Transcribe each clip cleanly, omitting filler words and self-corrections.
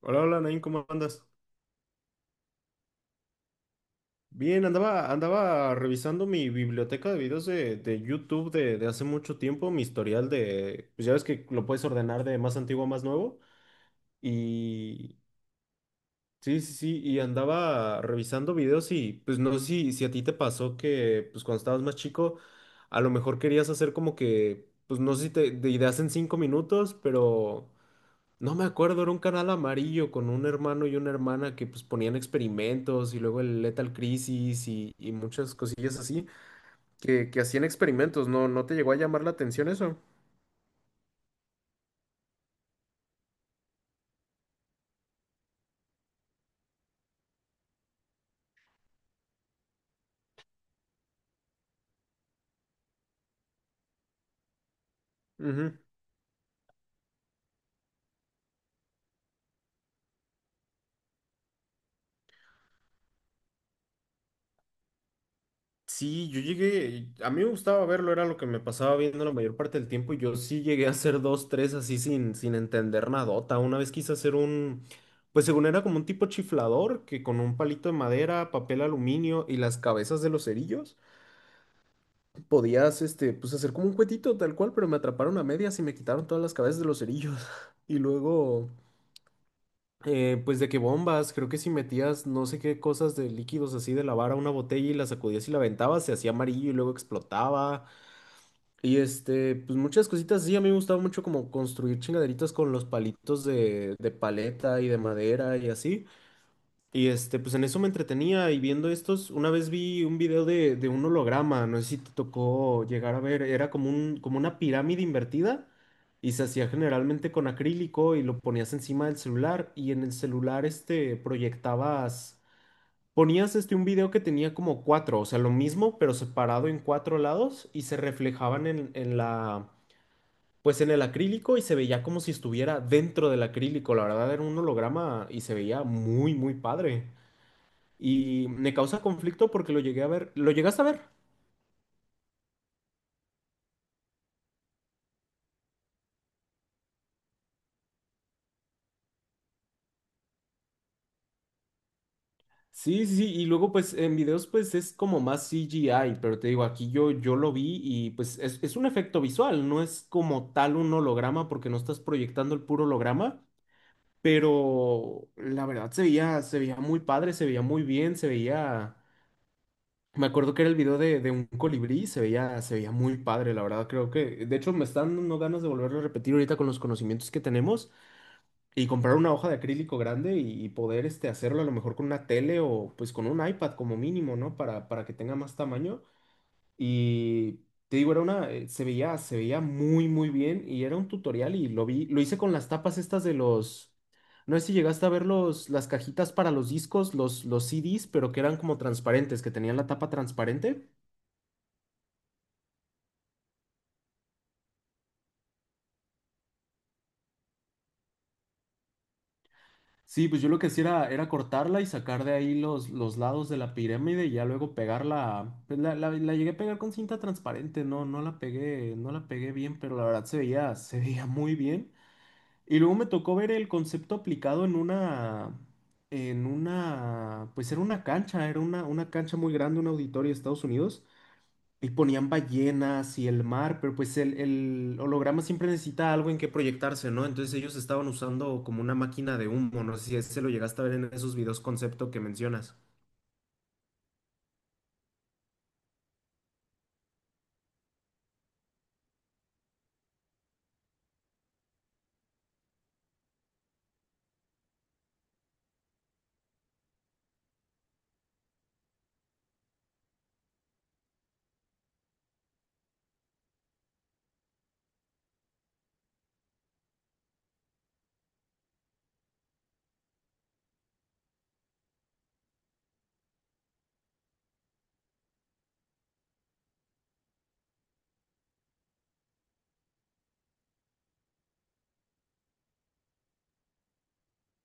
Hola, hola, Nain, ¿cómo andas? Bien, andaba revisando mi biblioteca de videos de YouTube de hace mucho tiempo, mi historial de, pues ya ves que lo puedes ordenar de más antiguo a más nuevo. Y sí, sí, sí, y andaba revisando videos y pues no sé si a ti te pasó que pues cuando estabas más chico, a lo mejor querías hacer como que, pues no sé si te, de ideas en cinco minutos, pero... No me acuerdo, era un canal amarillo con un hermano y una hermana que pues ponían experimentos y luego el Lethal Crisis y muchas cosillas así que hacían experimentos, ¿no? ¿No te llegó a llamar la atención eso? Ujú. Sí, yo llegué, a mí me gustaba verlo, era lo que me pasaba viendo la mayor parte del tiempo y yo sí llegué a hacer dos, tres así sin entender nadota. Una vez quise hacer un, pues según era como un tipo chiflador que con un palito de madera, papel aluminio y las cabezas de los cerillos podías, este, pues hacer como un cuetito tal cual, pero me atraparon a medias y me quitaron todas las cabezas de los cerillos. Y luego, pues de que bombas, creo que si metías no sé qué cosas de líquidos así de lavar a una botella y la sacudías y la aventabas, se hacía amarillo y luego explotaba. Y este, pues muchas cositas así. A mí me gustaba mucho como construir chingaderitas con los palitos de paleta y de madera y así. Y este, pues en eso me entretenía y viendo estos, una vez vi un video de un holograma, no sé si te tocó llegar a ver, era como un, como una pirámide invertida y se hacía generalmente con acrílico y lo ponías encima del celular y en el celular este proyectabas, ponías este un video que tenía como cuatro, o sea, lo mismo pero separado en cuatro lados y se reflejaban en la, pues en el acrílico y se veía como si estuviera dentro del acrílico, la verdad era un holograma y se veía muy, muy padre. Y me causa conflicto porque lo llegué a ver. ¿Lo llegaste a ver? Sí, sí, sí. Y luego, pues, en videos, pues, es como más CGI, pero te digo, aquí yo, yo lo vi y, pues, es un efecto visual, no es como tal un holograma porque no estás proyectando el puro holograma, pero la verdad se veía muy padre, se veía muy bien, se veía... Me acuerdo que era el video de un colibrí, se veía muy padre, la verdad, creo que... De hecho, me están dando ganas de volverlo a repetir ahorita con los conocimientos que tenemos. Y comprar una hoja de acrílico grande y poder este, hacerlo a lo mejor con una tele o pues con un iPad como mínimo, ¿no? Para que tenga más tamaño. Y te digo, era una, se veía muy, muy bien y era un tutorial y lo vi, lo hice con las tapas estas de los, no sé si llegaste a ver los, las cajitas para los discos, los CDs, pero que eran como transparentes, que tenían la tapa transparente. Sí, pues yo lo que hacía era cortarla y sacar de ahí los lados de la pirámide y ya luego pegarla. Pues la llegué a pegar con cinta transparente, no, no la pegué, no la pegué bien, pero la verdad se veía muy bien. Y luego me tocó ver el concepto aplicado en una, pues era una cancha muy grande, un auditorio de Estados Unidos. Y ponían ballenas y el mar, pero pues el holograma siempre necesita algo en que proyectarse, ¿no? Entonces ellos estaban usando como una máquina de humo, no sé si ese lo llegaste a ver en esos videos concepto que mencionas.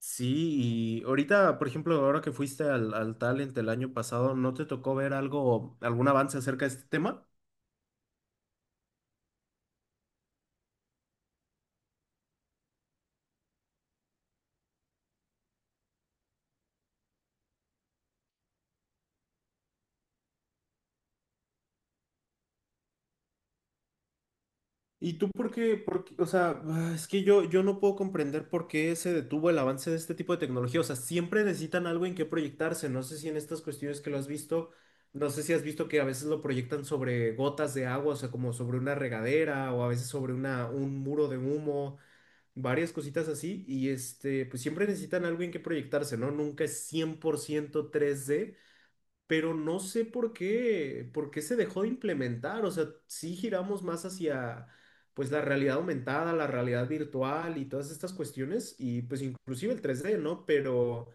Sí, y ahorita, por ejemplo, ahora que fuiste al Talent el año pasado, ¿no te tocó ver algo, algún avance acerca de este tema? ¿Y tú por qué- o sea, ah, es que yo no puedo comprender por qué se detuvo el avance de este tipo de tecnología. O sea, siempre necesitan algo en qué proyectarse. No sé si en estas cuestiones que lo has visto, no sé si has visto que a veces lo proyectan sobre gotas de agua, o sea, como sobre una regadera o a veces sobre una, un muro de humo, varias cositas así. Y este, pues siempre necesitan algo en qué proyectarse, ¿no? Nunca es cien por ciento tres d, pero no sé por qué se dejó de implementar. O sea, sí giramos más hacia, pues, la realidad aumentada, la realidad virtual y todas estas cuestiones, y pues inclusive el tres d, ¿no? Pero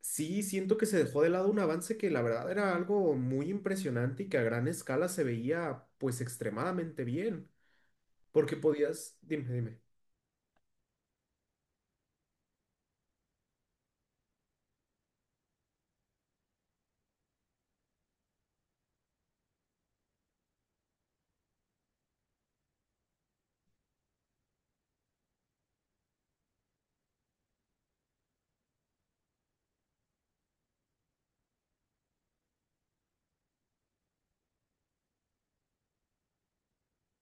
sí siento que se dejó de lado un avance que la verdad era algo muy impresionante y que a gran escala se veía, pues, extremadamente bien, porque podías, dime, dime.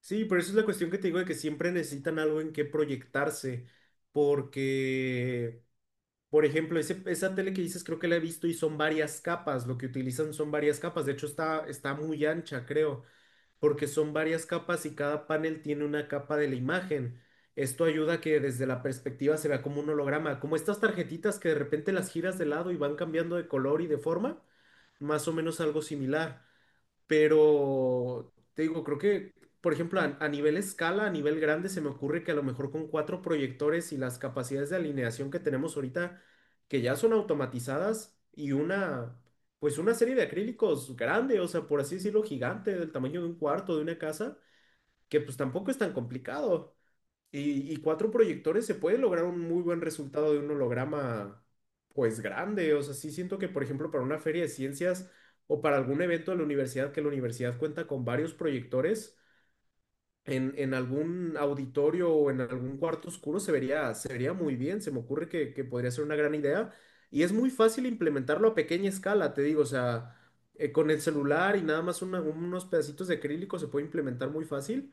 Sí, pero eso es la cuestión que te digo de que siempre necesitan algo en qué proyectarse, porque... Por ejemplo, ese- esa tele que dices creo que la he visto y son varias capas, lo que utilizan son varias capas, de hecho está, está muy ancha, creo, porque son varias capas y cada panel tiene una capa de la imagen. Esto ayuda a que desde la perspectiva se vea como un holograma, como estas tarjetitas que de repente las giras de lado y van cambiando de color y de forma, más o menos algo similar. Pero te digo, creo que, por ejemplo, a nivel escala, a nivel grande, se me ocurre que a lo mejor con cuatro proyectores y las capacidades de alineación que tenemos ahorita, que ya son automatizadas, y una, pues una serie de acrílicos grande, o sea, por así decirlo, gigante, del tamaño de un cuarto, de una casa, que pues tampoco es tan complicado. Y cuatro proyectores se puede lograr un muy buen resultado de un holograma, pues grande. O sea, sí siento que, por ejemplo, para una feria de ciencias o para algún evento de la universidad, que la universidad cuenta con varios proyectores, en algún auditorio o en algún cuarto oscuro se vería muy bien. Se me ocurre que podría ser una gran idea. Y es muy fácil implementarlo a pequeña escala, te digo. O sea, con el celular y nada más una- unos pedacitos de acrílico se puede implementar muy fácil,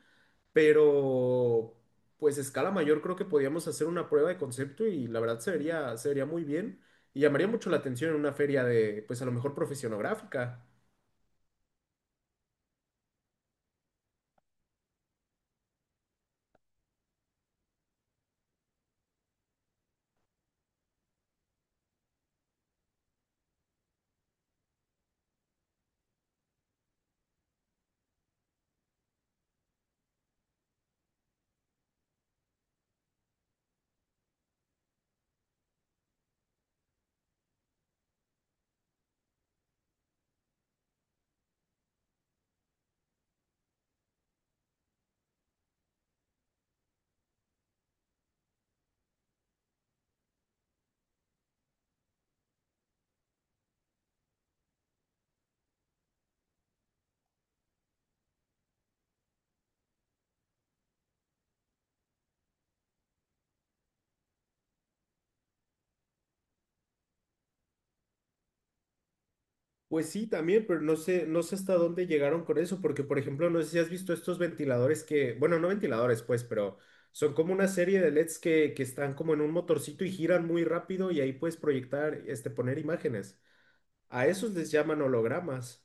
pero pues a escala mayor creo que podíamos hacer una prueba de concepto y la verdad se vería muy bien y llamaría mucho la atención en una feria de, pues a lo mejor profesionográfica. Pues sí, también, pero no sé, no sé hasta dónde llegaron con eso, porque por ejemplo, no sé si has visto estos ventiladores que, bueno, no ventiladores, pues, pero son como una serie de LEDs que están como en un motorcito y giran muy rápido y ahí puedes proyectar, este, poner imágenes. A esos les llaman hologramas.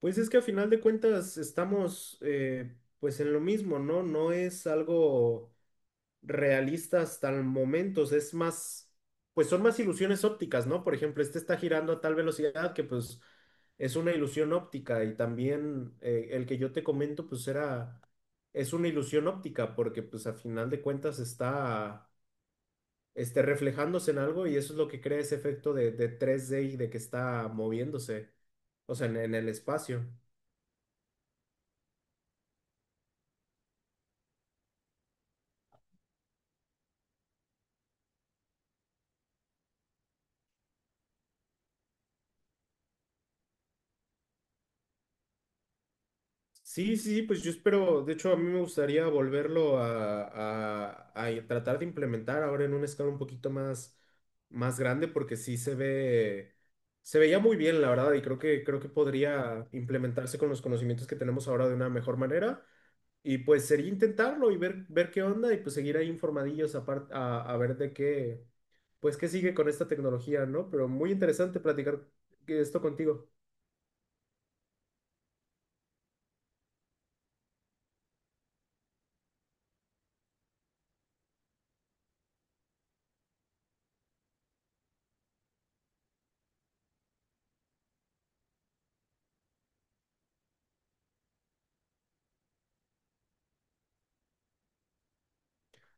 Pues es que a final de cuentas estamos pues en lo mismo, ¿no? No es algo realista hasta el momento, o sea, es más, pues son más ilusiones ópticas, ¿no? Por ejemplo, este está girando a tal velocidad que pues es una ilusión óptica y también, el que yo te comento pues era, es una ilusión óptica porque pues a final de cuentas está este, reflejándose en algo y eso es lo que crea ese efecto de tres d y de que está moviéndose, o sea, en el espacio. Sí, sí, sí, pues yo espero, de hecho a mí me gustaría volverlo a tratar de implementar ahora en una escala un poquito más, más grande porque sí se ve, se veía muy bien la verdad y creo que podría implementarse con los conocimientos que tenemos ahora de una mejor manera y pues sería intentarlo y ver, ver qué onda y pues seguir ahí informadillos apar- a ver de qué, pues qué sigue con esta tecnología, ¿no? Pero muy interesante platicar esto contigo.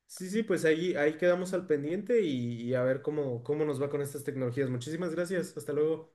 Sí, sí, pues ahí, ahí quedamos al pendiente y a ver cómo, cómo nos va con estas tecnologías. Muchísimas gracias. Hasta luego.